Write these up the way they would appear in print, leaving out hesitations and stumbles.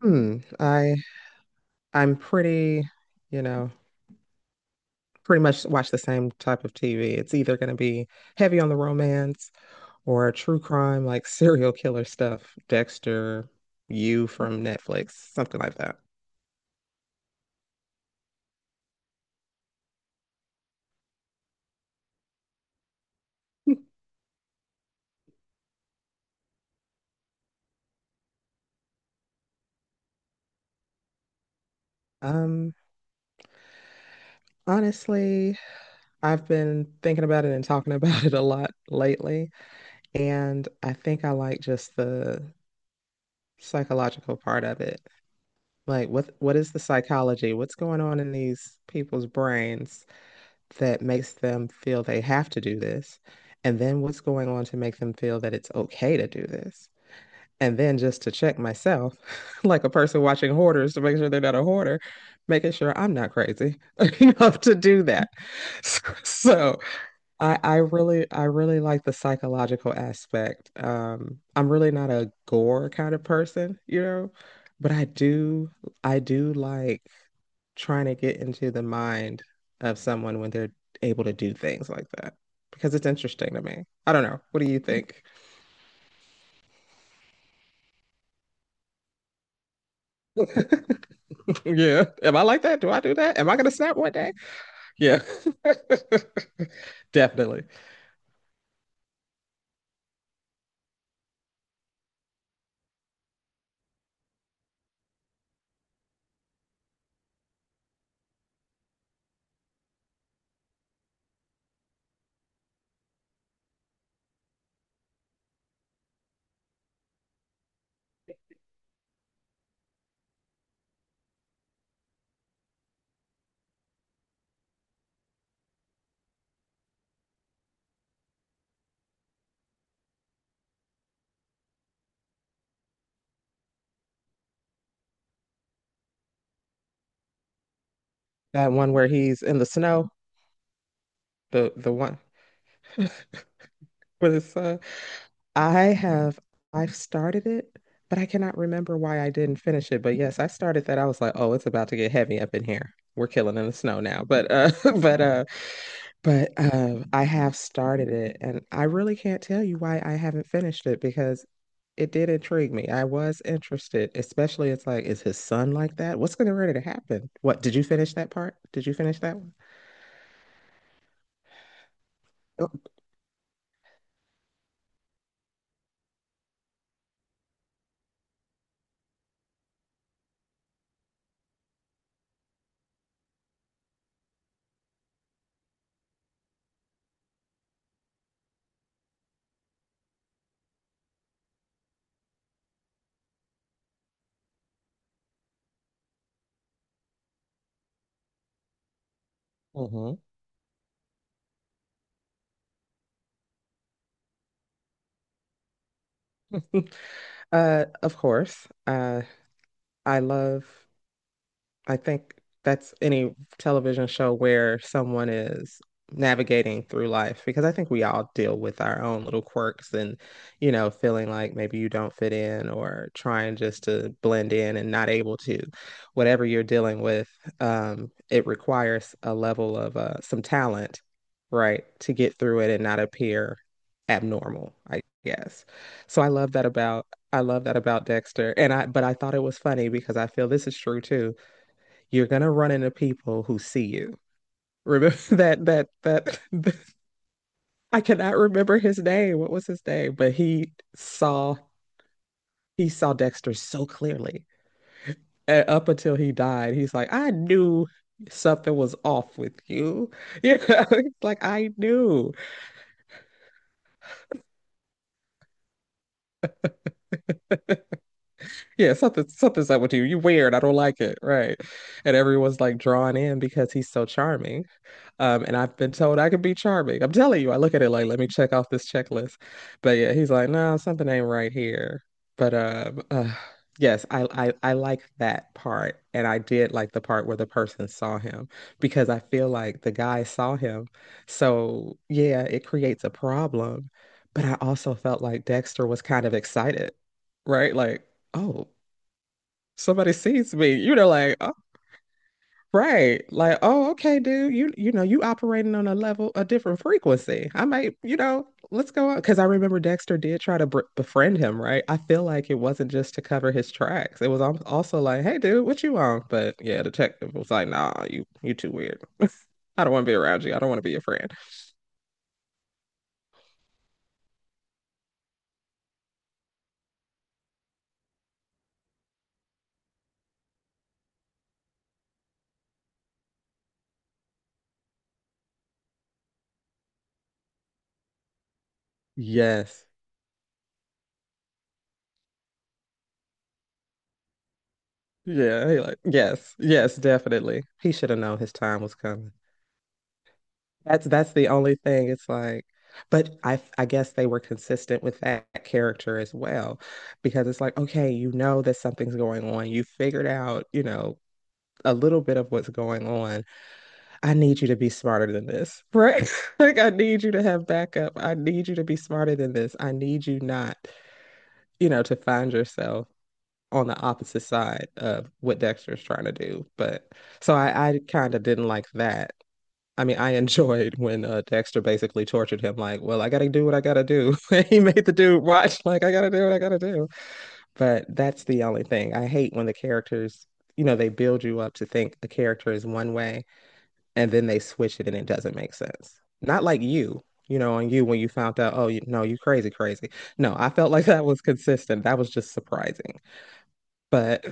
Hmm. I'm pretty, you know, pretty much watch the same type of TV. It's either going to be heavy on the romance or true crime, like serial killer stuff, Dexter, You from Netflix, something like that. Um, Honestly, I've been thinking about it and talking about it a lot lately, and I think I like just the psychological part of it. Like what is the psychology? What's going on in these people's brains that makes them feel they have to do this? And then what's going on to make them feel that it's okay to do this? And then just to check myself, like a person watching hoarders to make sure they're not a hoarder, making sure I'm not crazy enough to do that. So I really like the psychological aspect. I'm really not a gore kind of person, you know, but I do like trying to get into the mind of someone when they're able to do things like that because it's interesting to me. I don't know. What do you think? Yeah. Am I like that? Do I do that? Am I gonna snap one day? Yeah. Definitely. That one where he's in the snow, the one with his son. I have, I've started it, but I cannot remember why I didn't finish it. But yes, I started that. I was like, oh, it's about to get heavy up in here. We're killing in the snow now. But but uh but I have started it and I really can't tell you why I haven't finished it because it did intrigue me. I was interested, especially it's like, is his son like that? What's gonna ready to happen? What did you finish that part? Did you finish that one? Hmm. Of course. I love. I think that's any television show where someone is navigating through life because I think we all deal with our own little quirks and, you know, feeling like maybe you don't fit in or trying just to blend in and not able to. Whatever you're dealing with, it requires a level of some talent, right, to get through it and not appear abnormal, I guess. So I love that about Dexter. And I But I thought it was funny because I feel this is true too you're gonna run into people who see you. Remember that I cannot remember his name. What was his name? But he saw Dexter so clearly. And up until he died, he's like, I knew something was off with you. Yeah, you know? Like I knew. Yeah, something's up with you. You're weird. I don't like it. Right. And everyone's like drawn in because he's so charming. And I've been told I could be charming. I'm telling you, I look at it like, let me check off this checklist. But yeah, he's like, no, something ain't right here. But Yes, I I like that part, and I did like the part where the person saw him because I feel like the guy saw him. So yeah, it creates a problem. But I also felt like Dexter was kind of excited, right? Like, oh, somebody sees me. You know, like, right. Like, oh, okay, dude, you know, you operating on a level, a different frequency. I might, you know, let's go on. Because I remember Dexter did try to br befriend him, right? I feel like it wasn't just to cover his tracks. It was also like, hey, dude, what you on? But yeah, detective was like, nah, you too weird. I don't want to be around you. I don't want to be your friend. Yes. Yeah. He like, yes. Yes, definitely. He should have known his time was coming. That's the only thing. It's like, but I guess they were consistent with that character as well, because it's like, okay, you know that something's going on. You figured out, you know, a little bit of what's going on. I need you to be smarter than this, right? Like I need you to have backup. I need you to be smarter than this. I need you not, you know, to find yourself on the opposite side of what Dexter's trying to do. But so I kind of didn't like that I mean, I enjoyed when Dexter basically tortured him, like, well, I gotta do what I gotta do. He made the dude watch, like, I gotta do what I gotta do. But that's the only thing. I hate when the characters, you know, they build you up to think the character is one way and then they switch it and it doesn't make sense. Not like you know, on you when you found out, oh, you, no, you crazy, crazy. No, I felt like that was consistent. That was just surprising. But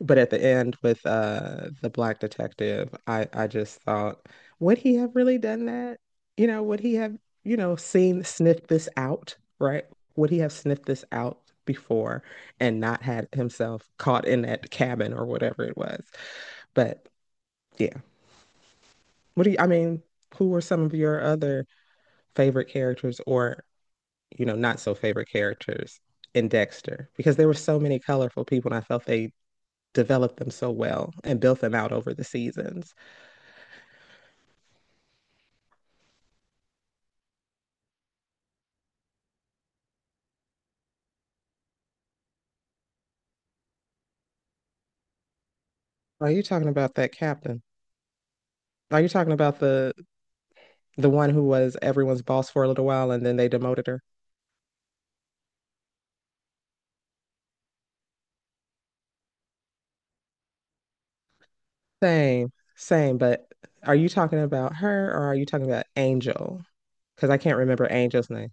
but at the end with the black detective, I just thought, would he have really done that? You know, would he have, you know, seen sniffed this out, right? Would he have sniffed this out before and not had himself caught in that cabin or whatever it was? But yeah. What do you, I mean, who were some of your other favorite characters or, you know, not so favorite characters in Dexter? Because there were so many colorful people and I felt they developed them so well and built them out over the seasons. Are you talking about that captain? Are you talking about the one who was everyone's boss for a little while and then they demoted her? But are you talking about her or are you talking about Angel? Because I can't remember Angel's name.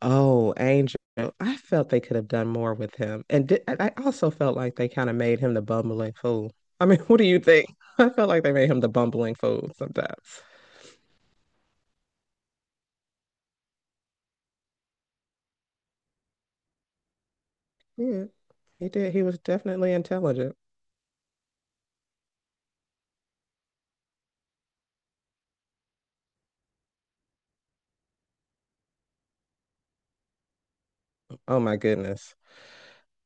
Oh, Angel. I felt they could have done more with him. I also felt like they kind of made him the bumbling fool. I mean, what do you think? I felt like they made him the bumbling fool sometimes. Yeah, he did. He was definitely intelligent. Oh my goodness.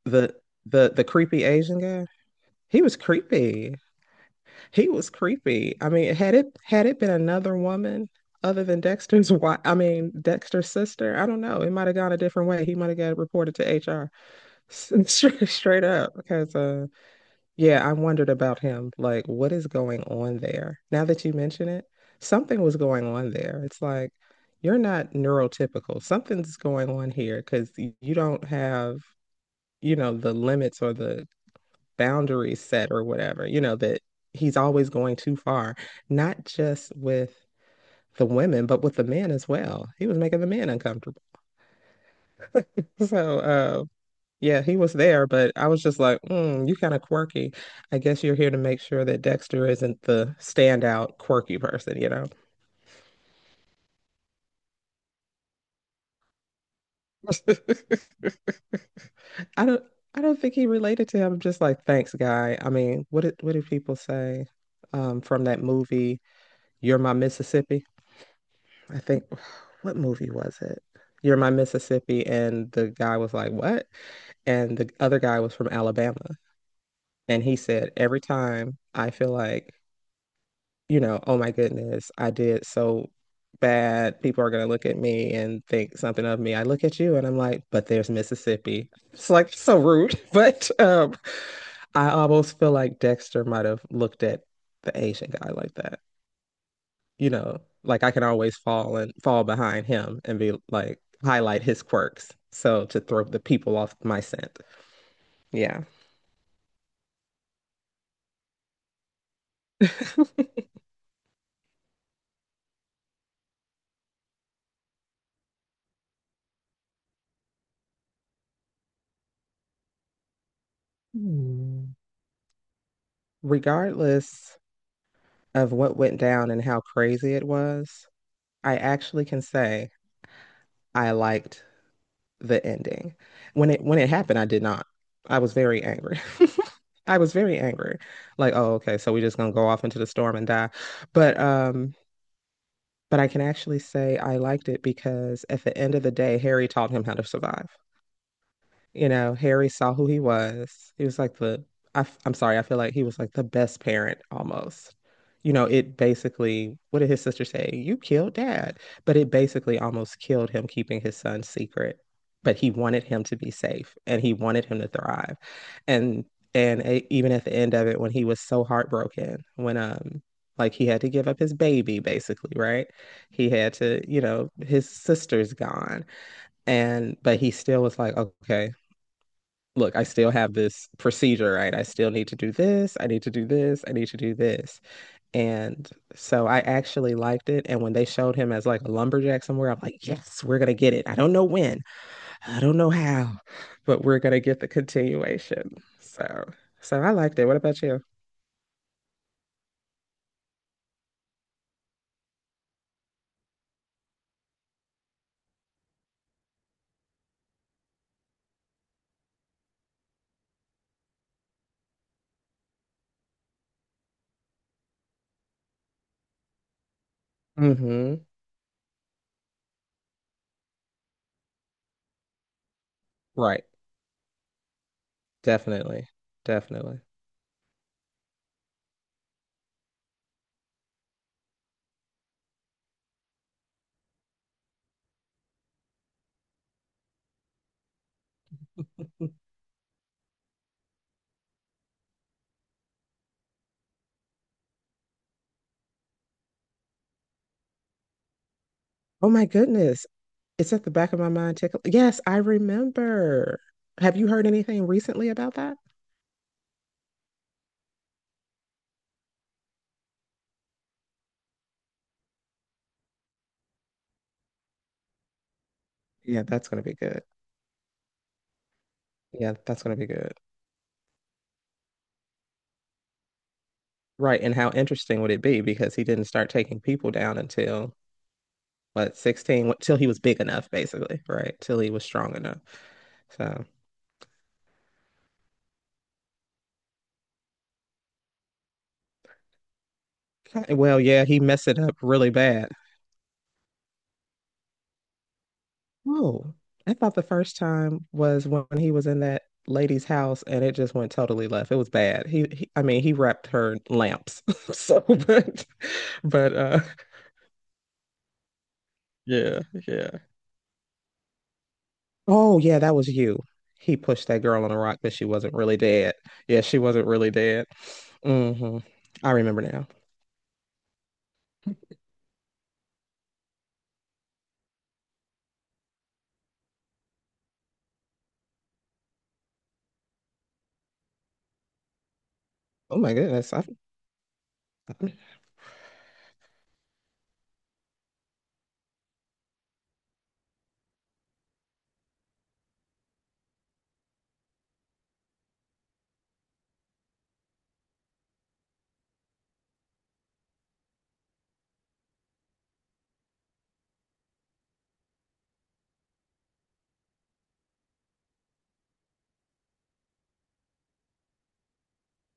The the creepy Asian guy. He was creepy. He was creepy. I mean, had it been another woman other than Dexter's wife, I mean Dexter's sister, I don't know. It might have gone a different way. He might have got reported to HR straight up because yeah, I wondered about him. Like, what is going on there? Now that you mention it, something was going on there. It's like you're not neurotypical. Something's going on here because you don't have, you know, the limits or the boundaries set or whatever, you know, that he's always going too far, not just with the women, but with the men as well. He was making the men uncomfortable. So, yeah, he was there, but I was just like, mm, you kind of quirky. I guess you're here to make sure that Dexter isn't the standout quirky person, you know? I don't. I don't think he related to him. I'm just like, thanks, guy. I mean, what did people say from that movie? You're my Mississippi. I think what movie was it? You're My Mississippi, and the guy was like, "What?" And the other guy was from Alabama, and he said, "Every time I feel like, you know, oh my goodness, I did so bad. People are gonna look at me and think something of me. I look at you, and I'm like, but there's Mississippi. It's like so rude, but I almost feel like Dexter might have looked at the Asian guy like that you know, like I can always fall behind him and be like highlight his quirks. So to throw the people off my scent. Yeah. Hmm. Regardless of what went down and how crazy it was, I actually can say I liked the ending. When it happened, I did not. I was very angry. I was very angry. Like, oh, okay, so we're just gonna go off into the storm and die. But um But I can actually say I liked it because at the end of the day, Harry taught him how to survive. You know, Harry saw who he was. He was like I, am sorry, I feel like he was like the best parent almost. You know, it basically, what did his sister say? You killed dad. But it basically almost killed him keeping his son secret. But he wanted him to be safe and he wanted him to thrive. And Even at the end of it, when he was so heartbroken, when like he had to give up his baby basically, right? He had to, you know, his sister's gone. And but he still was like, okay, look, I still have this procedure, right? I still need to do this. I need to do this. I need to do this. And so I actually liked it. And when they showed him as like a lumberjack somewhere, I'm like, yes, we're going to get it. I don't know when, I don't know how, but we're going to get the continuation. So, so I liked it. What about you? Mm hmm Right. Definitely. Definitely. Oh my goodness. It's at the back of my mind tickle. Yes, I remember. Have you heard anything recently about that? Yeah, that's going to be good. Yeah, that's gonna be good. Right, and how interesting would it be because he didn't start taking people down until what 16, till he was big enough, basically, right? Till he was strong enough. So, well, yeah, he messed it up really bad. Oh, I thought the first time was when he was in that lady's house and it just went totally left. It was bad. He I mean, he wrapped her in lamps. So, but, yeah, yeah. Oh yeah, that was you. He pushed that girl on a rock, but she wasn't really dead. Yeah, she wasn't really dead. Hmm. I remember now. Oh my goodness.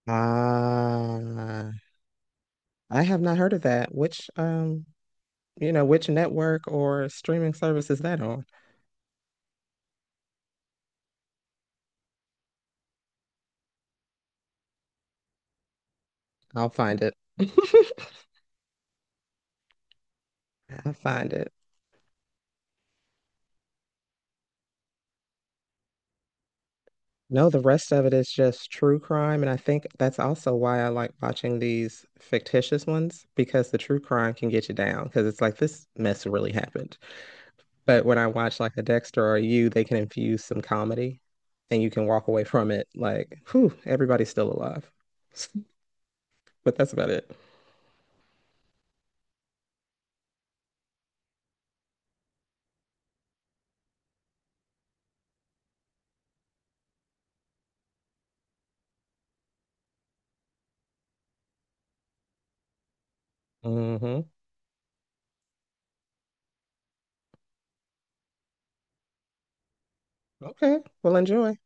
uh, I have not heard of that. Which you know, which network or streaming service is that on? I'll find it. I'll find it. No, the rest of it is just true crime, and I think that's also why I like watching these fictitious ones because the true crime can get you down because it's like this mess really happened. But when I watch like a Dexter or you, they can infuse some comedy and you can walk away from it like, whew, everybody's still alive. But that's about it. Hmm. Okay. Well, enjoy.